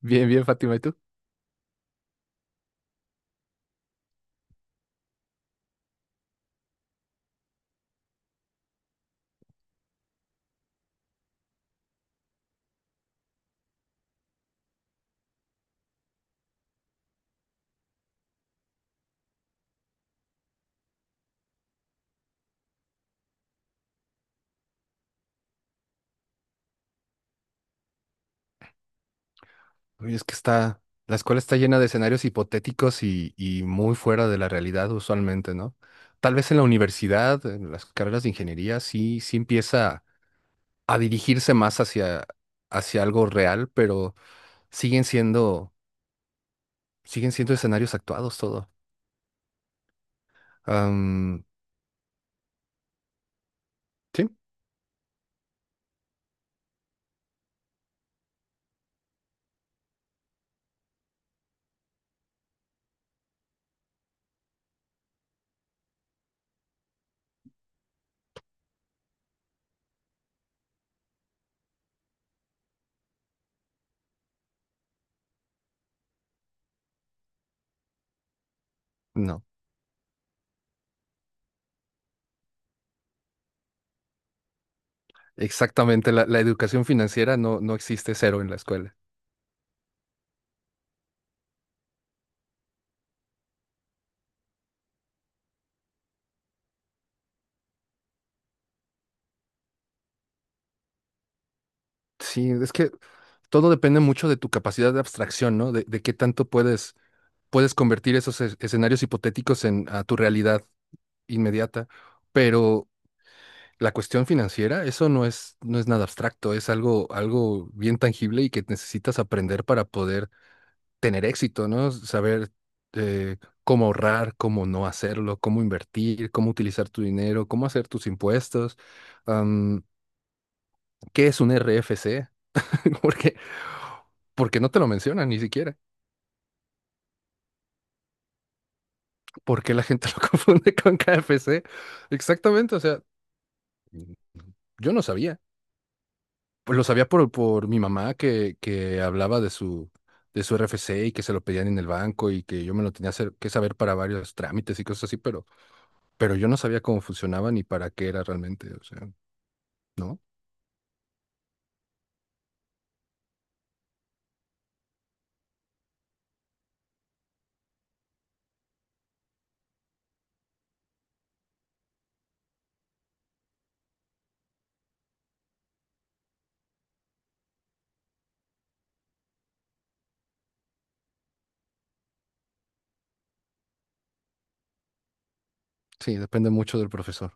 Bien, bien, Fátima, ¿y tú? Oye, es que está, la escuela está llena de escenarios hipotéticos y muy fuera de la realidad usualmente, ¿no? Tal vez en la universidad, en las carreras de ingeniería, sí, sí empieza a dirigirse hacia algo real, pero siguen siendo, siguen siendo escenarios actuados todo. Am, sí, no, exactamente, la educación financiera no existe cero en la escuela. Sí, es que todo depende mucho de tu capacidad de abstracción, ¿no? De qué tanto puedes convertir esos escenarios hipotéticos en a tu realidad inmediata, pero la cuestión financiera, eso no es nada abstracto, algo bien tangible y que necesitas aprender para poder tener éxito, ¿no? Saber eh, cómo ahorrar, cómo no hacerlo, cómo invertir, cómo utilizar tu dinero, cómo hacer tus impuestos, am, qué es un RFC, porque, porque no te lo mencionan ni siquiera, porque la gente lo confunde con KFC. Exactamente, o sea, mm, yo no sabía. Pues lo sabía por mi mamá que hablaba de su RFC y que se lo pedían en el banco y que yo me lo que saber para varios trámites y cosas así, pero yo no sabía cómo funcionaba ni para qué era realmente. O sea, ¿no? Sí, depende mucho del profesor.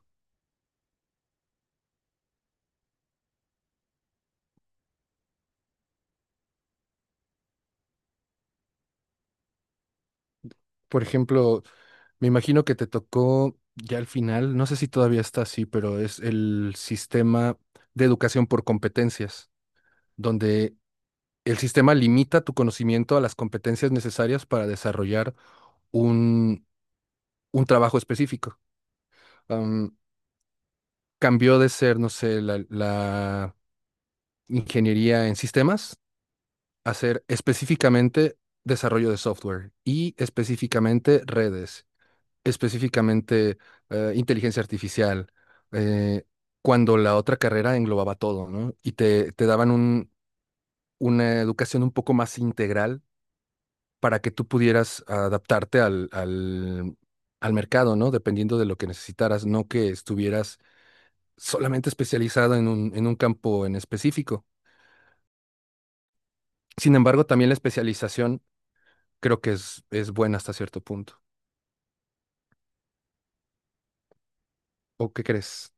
Por ejemplo, me imagino que te tocó ya al final, no sé si todavía está así, pero es el sistema de educación por competencias, donde el sistema limita tu conocimiento a las competencias necesarias para desarrollar un, un trabajo específico. Am, Cambió de ser, no sé, la ingeniería en sistemas a ser específicamente desarrollo de software y específicamente redes, específicamente inteligencia artificial, eh, cuando la otra carrera englobaba todo, ¿no? Y te daban una educación un poco más integral para que tú pudieras adaptarte al mercado, ¿no? Dependiendo de lo que necesitaras, no que estuvieras solamente especializado en en un campo en específico. Sin embargo, también la especialización creo que es buena hasta cierto punto. ¿O qué crees?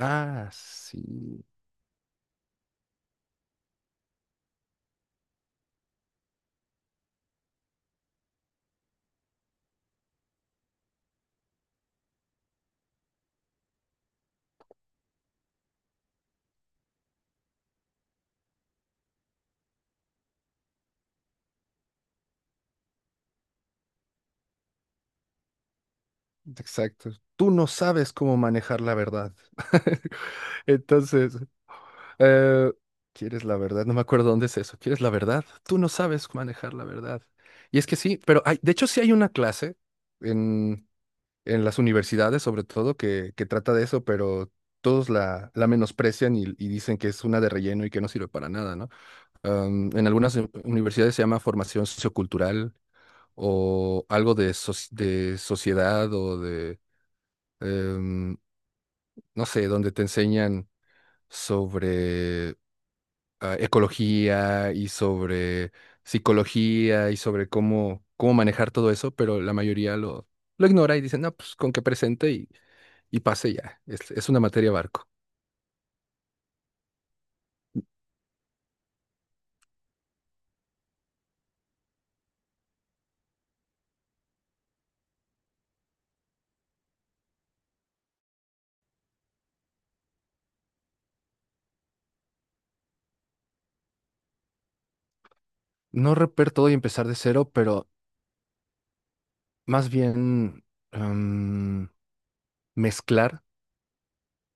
Ah, sí, exacto. Tú no sabes cómo manejar la verdad. Entonces, Eh, ¿quieres la verdad? No me acuerdo dónde es eso. ¿Quieres la verdad? Tú no sabes manejar la verdad. Y es que sí, pero hay, de hecho sí hay una clase en, en las universidades, sobre todo, que trata de eso, pero todos la menosprecian y dicen que es una de relleno y que no sirve para nada, ¿no? En algunas universidades se llama formación sociocultural o algo de, de sociedad o de, em, no sé, donde te enseñan sobre ecología y sobre psicología y sobre cómo, cómo manejar todo eso, pero la mayoría lo ignora y dicen no, pues con que presente y pase ya. Es una materia barco. No romper todo y empezar de cero, pero más bien em, mezclar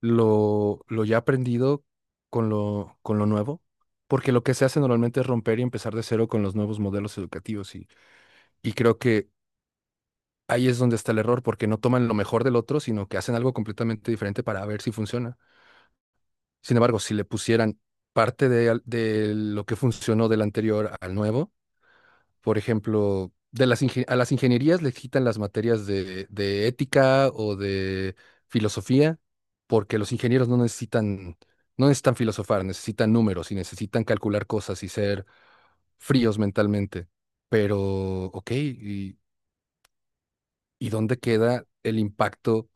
lo ya aprendido con lo nuevo, porque lo que se hace normalmente es romper y empezar de cero con los nuevos modelos educativos y creo que ahí es donde está el error, porque no toman lo mejor del otro, sino que hacen algo completamente diferente para ver si funciona. Sin embargo, si le pusieran parte de lo que funcionó del anterior al nuevo, por ejemplo, a las ingenierías les quitan las materias de ética o de filosofía, porque los ingenieros no necesitan, no necesitan filosofar, necesitan números y necesitan calcular cosas y ser fríos mentalmente. Pero, ok, y ¿y dónde queda el impacto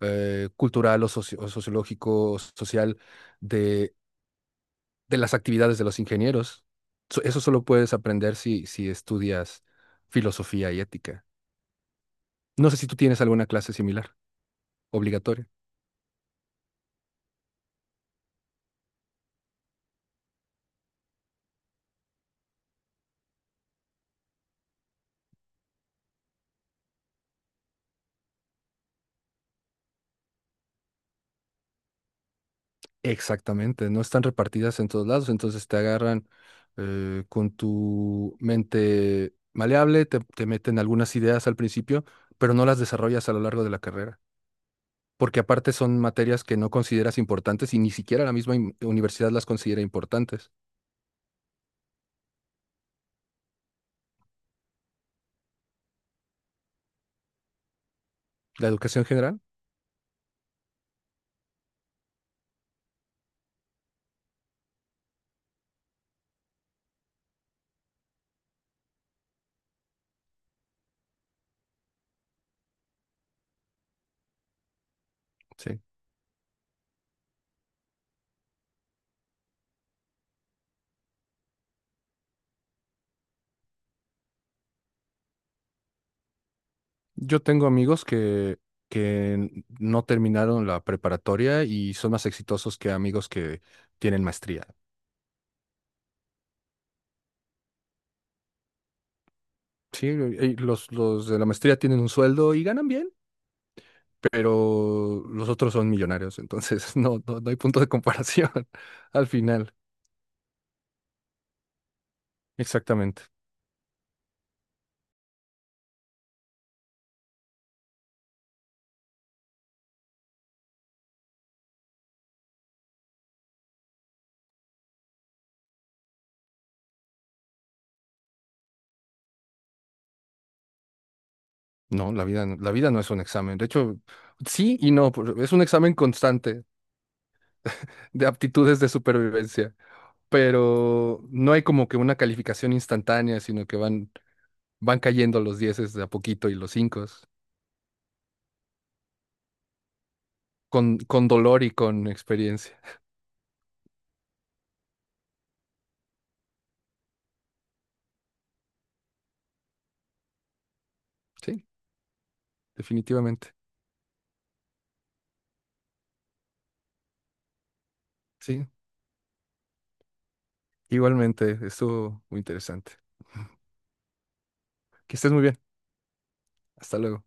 cultural o sociológico, o social de, de las actividades de los ingenieros? Eso solo puedes aprender si estudias filosofía y ética. No sé si tú tienes alguna clase similar, obligatoria. Exactamente, no están repartidas en todos lados, entonces te agarran con tu mente maleable, te meten algunas ideas al principio, pero no las desarrollas a lo largo de la carrera. Porque aparte son materias que no consideras importantes y ni siquiera la misma universidad las considera importantes. La educación general, sí. Yo tengo amigos que no terminaron la preparatoria y son más exitosos que amigos que tienen maestría. Sí, los de la maestría tienen un sueldo y ganan bien, pero los otros son millonarios, entonces no, no, no hay punto de comparación al final. Exactamente. No, la vida, la vida no es un examen. De hecho, sí y no, es un examen constante de aptitudes de supervivencia, pero no hay como que una calificación instantánea, sino que van, van cayendo los dieces de a poquito y los cinco, con dolor y con experiencia. Sí, definitivamente. Sí, igualmente, estuvo muy interesante. Que estés muy bien. Hasta luego.